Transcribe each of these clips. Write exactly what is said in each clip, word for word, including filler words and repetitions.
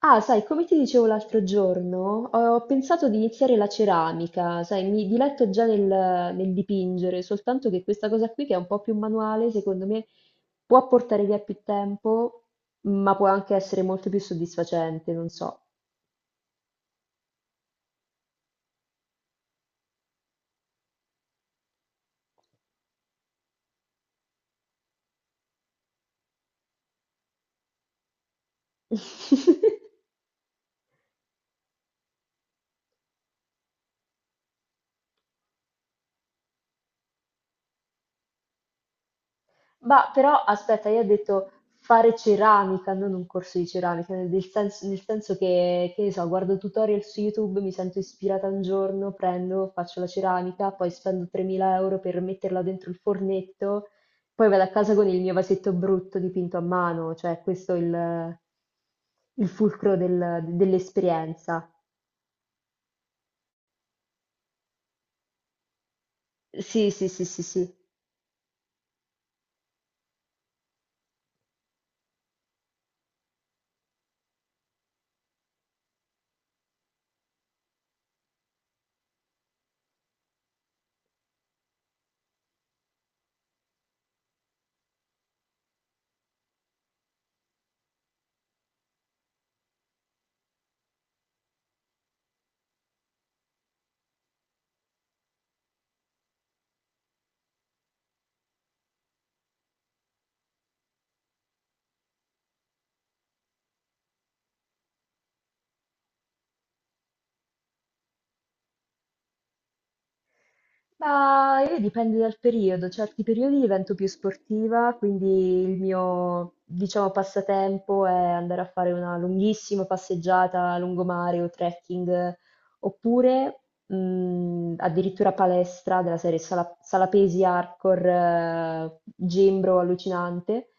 Ah, sai, come ti dicevo l'altro giorno, ho ho pensato di iniziare la ceramica, sai, mi diletto già nel, nel dipingere, soltanto che questa cosa qui, che è un po' più manuale, secondo me può portare via più tempo, ma può anche essere molto più soddisfacente, non so. Bah, però aspetta, io ho detto fare ceramica, non un corso di ceramica, nel senso, nel senso che, che ne so, guardo tutorial su YouTube, mi sento ispirata un giorno, prendo, faccio la ceramica, poi spendo tremila euro per metterla dentro il fornetto, poi vado a casa con il mio vasetto brutto dipinto a mano, cioè questo è il, il fulcro del- dell'esperienza. Sì, sì, sì, sì, sì. Ma io dipende dal periodo, certi periodi divento più sportiva, quindi il mio, diciamo, passatempo è andare a fare una lunghissima passeggiata a lungomare o trekking, oppure Mhmm, addirittura palestra della serie sala sala pesi hardcore, eh, gembro allucinante,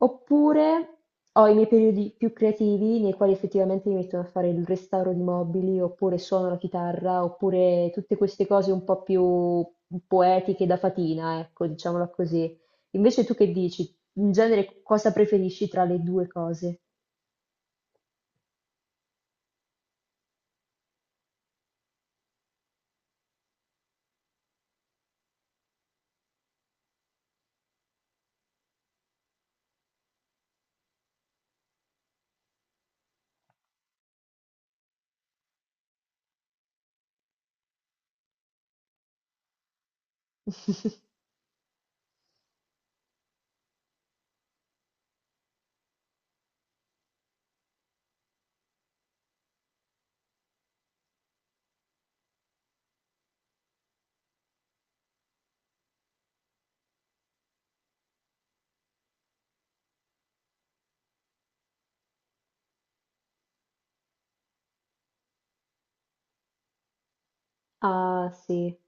oppure ho i miei periodi più creativi nei quali effettivamente mi metto a fare il restauro di mobili, oppure suono la chitarra, oppure tutte queste cose un po' più poetiche da fatina, ecco, diciamola così. Invece tu che dici? In genere cosa preferisci tra le due cose? Ah, sì.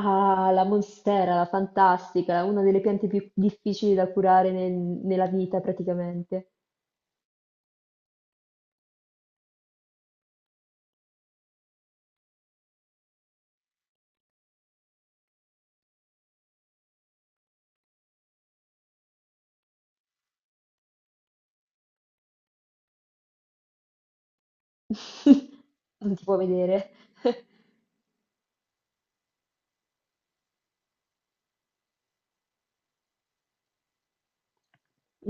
Ah, la monstera, la fantastica, una delle piante più difficili da curare nel- nella vita praticamente. Non ti può vedere.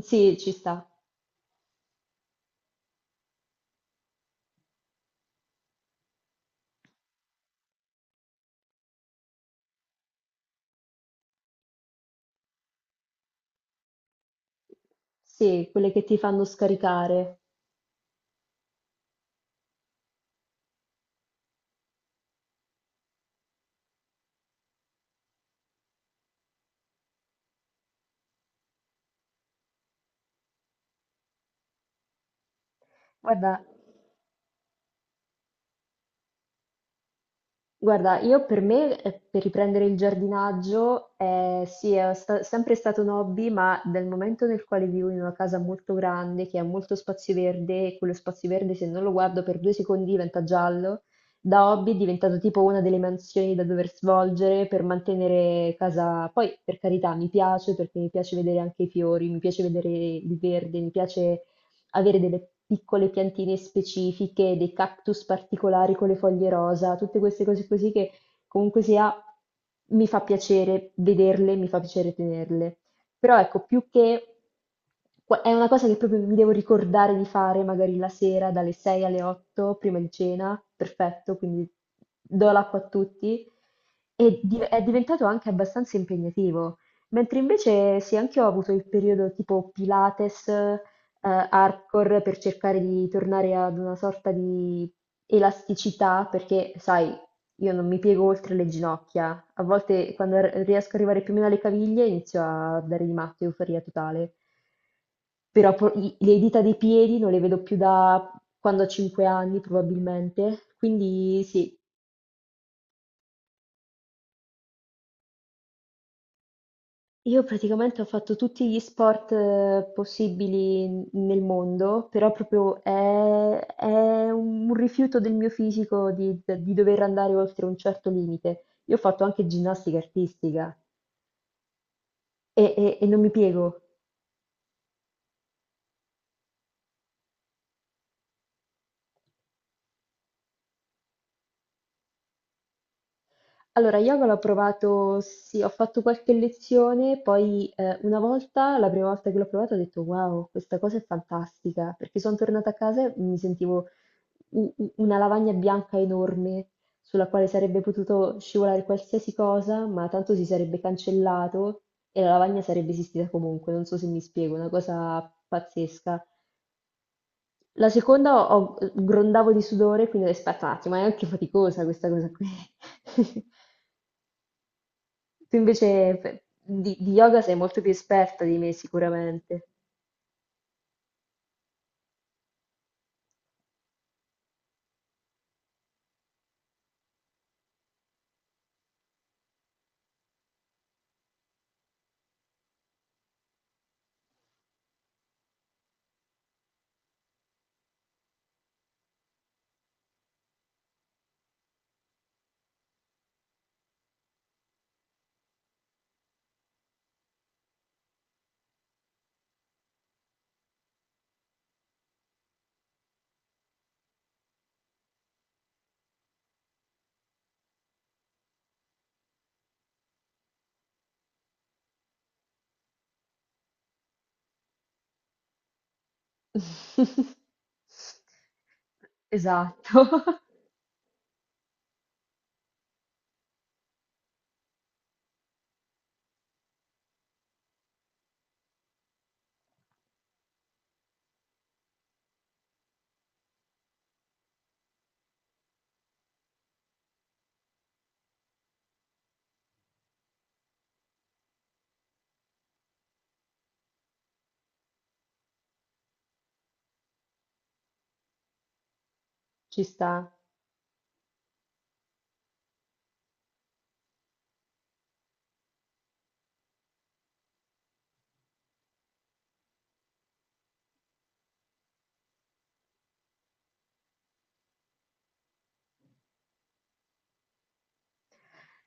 Sì, ci sta. Sì, quelle che ti fanno scaricare. Guarda, Guarda, io per me, eh, per riprendere il giardinaggio, eh, sì, è sta- sempre stato un hobby, ma dal momento nel quale vivo in una casa molto grande, che ha molto spazio verde, e quello spazio verde se non lo guardo per due secondi diventa giallo, da hobby è diventato tipo una delle mansioni da dover svolgere per mantenere casa. Poi, per carità, mi piace perché mi piace vedere anche i fiori, mi piace vedere il verde, mi piace avere delle piccole piantine specifiche, dei cactus particolari con le foglie rosa, tutte queste cose così che comunque sia mi fa piacere vederle, mi fa piacere tenerle. Però ecco, più che qua- è una cosa che proprio mi devo ricordare di fare magari la sera dalle sei alle otto prima di cena, perfetto, quindi do l'acqua a tutti. E di- è diventato anche abbastanza impegnativo. Mentre invece sì, anche io ho avuto il periodo tipo Pilates, eh, hardcore per cercare di tornare ad una sorta di elasticità, perché sai, io non mi piego oltre le ginocchia. A volte quando r- riesco ad arrivare più o meno alle caviglie inizio a dare di matto, euforia totale. Però po- i- le dita dei piedi non le vedo più da quando ho cinque anni probabilmente. Quindi sì, io praticamente ho fatto tutti gli sport eh, possibili n- nel mondo, però proprio è, è un rifiuto del mio fisico di, di dover andare oltre un certo limite. Io ho fatto anche ginnastica artistica e e- e non mi piego. Allora, yoga l'ho provato, sì, ho fatto qualche lezione, poi eh, una volta, la prima volta che l'ho provato, ho detto wow, questa cosa è fantastica, perché sono tornata a casa e mi sentivo u- u- una lavagna bianca enorme sulla quale sarebbe potuto scivolare qualsiasi cosa, ma tanto si sarebbe cancellato e la lavagna sarebbe esistita comunque, non so se mi spiego, una cosa pazzesca. La seconda ho, ho- grondavo di sudore, quindi ho detto, aspetta un attimo, è anche faticosa questa cosa qui. Tu invece pe- di, di yoga sei molto più esperta di me sicuramente. Esatto, ci sta.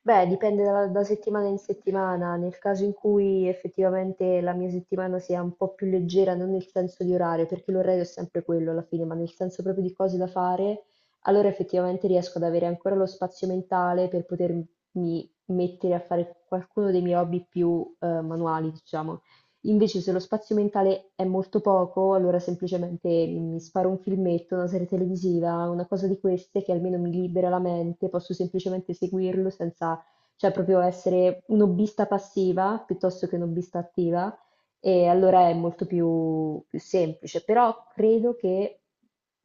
Beh, dipende da, da settimana in settimana. Nel caso in cui effettivamente la mia settimana sia un po' più leggera, non nel senso di orario, perché l'orario è sempre quello alla fine, ma nel senso proprio di cose da fare, allora effettivamente riesco ad avere ancora lo spazio mentale per potermi mettere a fare qualcuno dei miei hobby più eh, manuali, diciamo. Invece se lo spazio mentale è molto poco, allora semplicemente mi sparo un filmetto, una serie televisiva, una cosa di queste che almeno mi libera la mente, posso semplicemente seguirlo senza, cioè proprio essere un hobbista passiva piuttosto che un hobbista attiva e allora è molto più, più semplice. Però credo che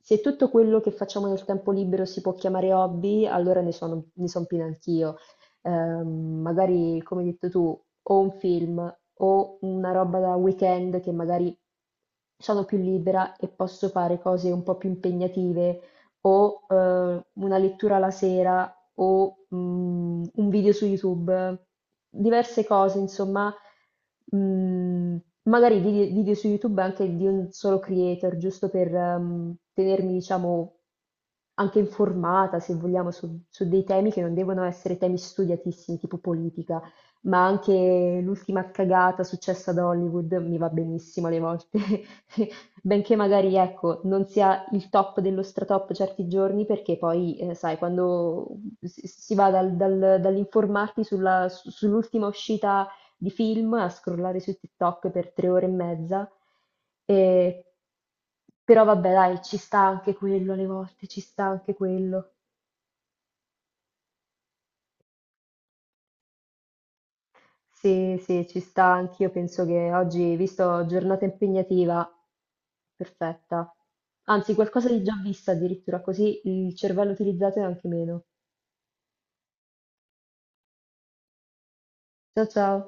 se tutto quello che facciamo nel tempo libero si può chiamare hobby, allora ne sono, ne son piena anch'io. Ehm, magari, come hai detto tu, o un film o una roba da weekend che magari sono più libera e posso fare cose un po' più impegnative o eh, una lettura la sera o mm, un video su YouTube, diverse cose, insomma, mm, magari vide- video, su YouTube anche di un solo creator, giusto per ehm, tenermi, diciamo, anche informata, se vogliamo, su, su dei temi che non devono essere temi studiatissimi, tipo politica, ma anche l'ultima cagata successa ad Hollywood mi va benissimo alle volte. Benché magari, ecco, non sia il top dello stratop certi giorni, perché poi, eh, sai, quando si si va dal- dal- dall'informarti sulla- su- sull'ultima uscita di film a scrollare su TikTok per tre ore e mezza, e- però vabbè, dai, ci sta anche quello alle volte, ci sta anche quello. Sì, sì, ci sta, anch'io penso che oggi, visto giornata impegnativa, perfetta. Anzi, qualcosa di già vista addirittura, così il cervello utilizzato è anche meno. Ciao ciao!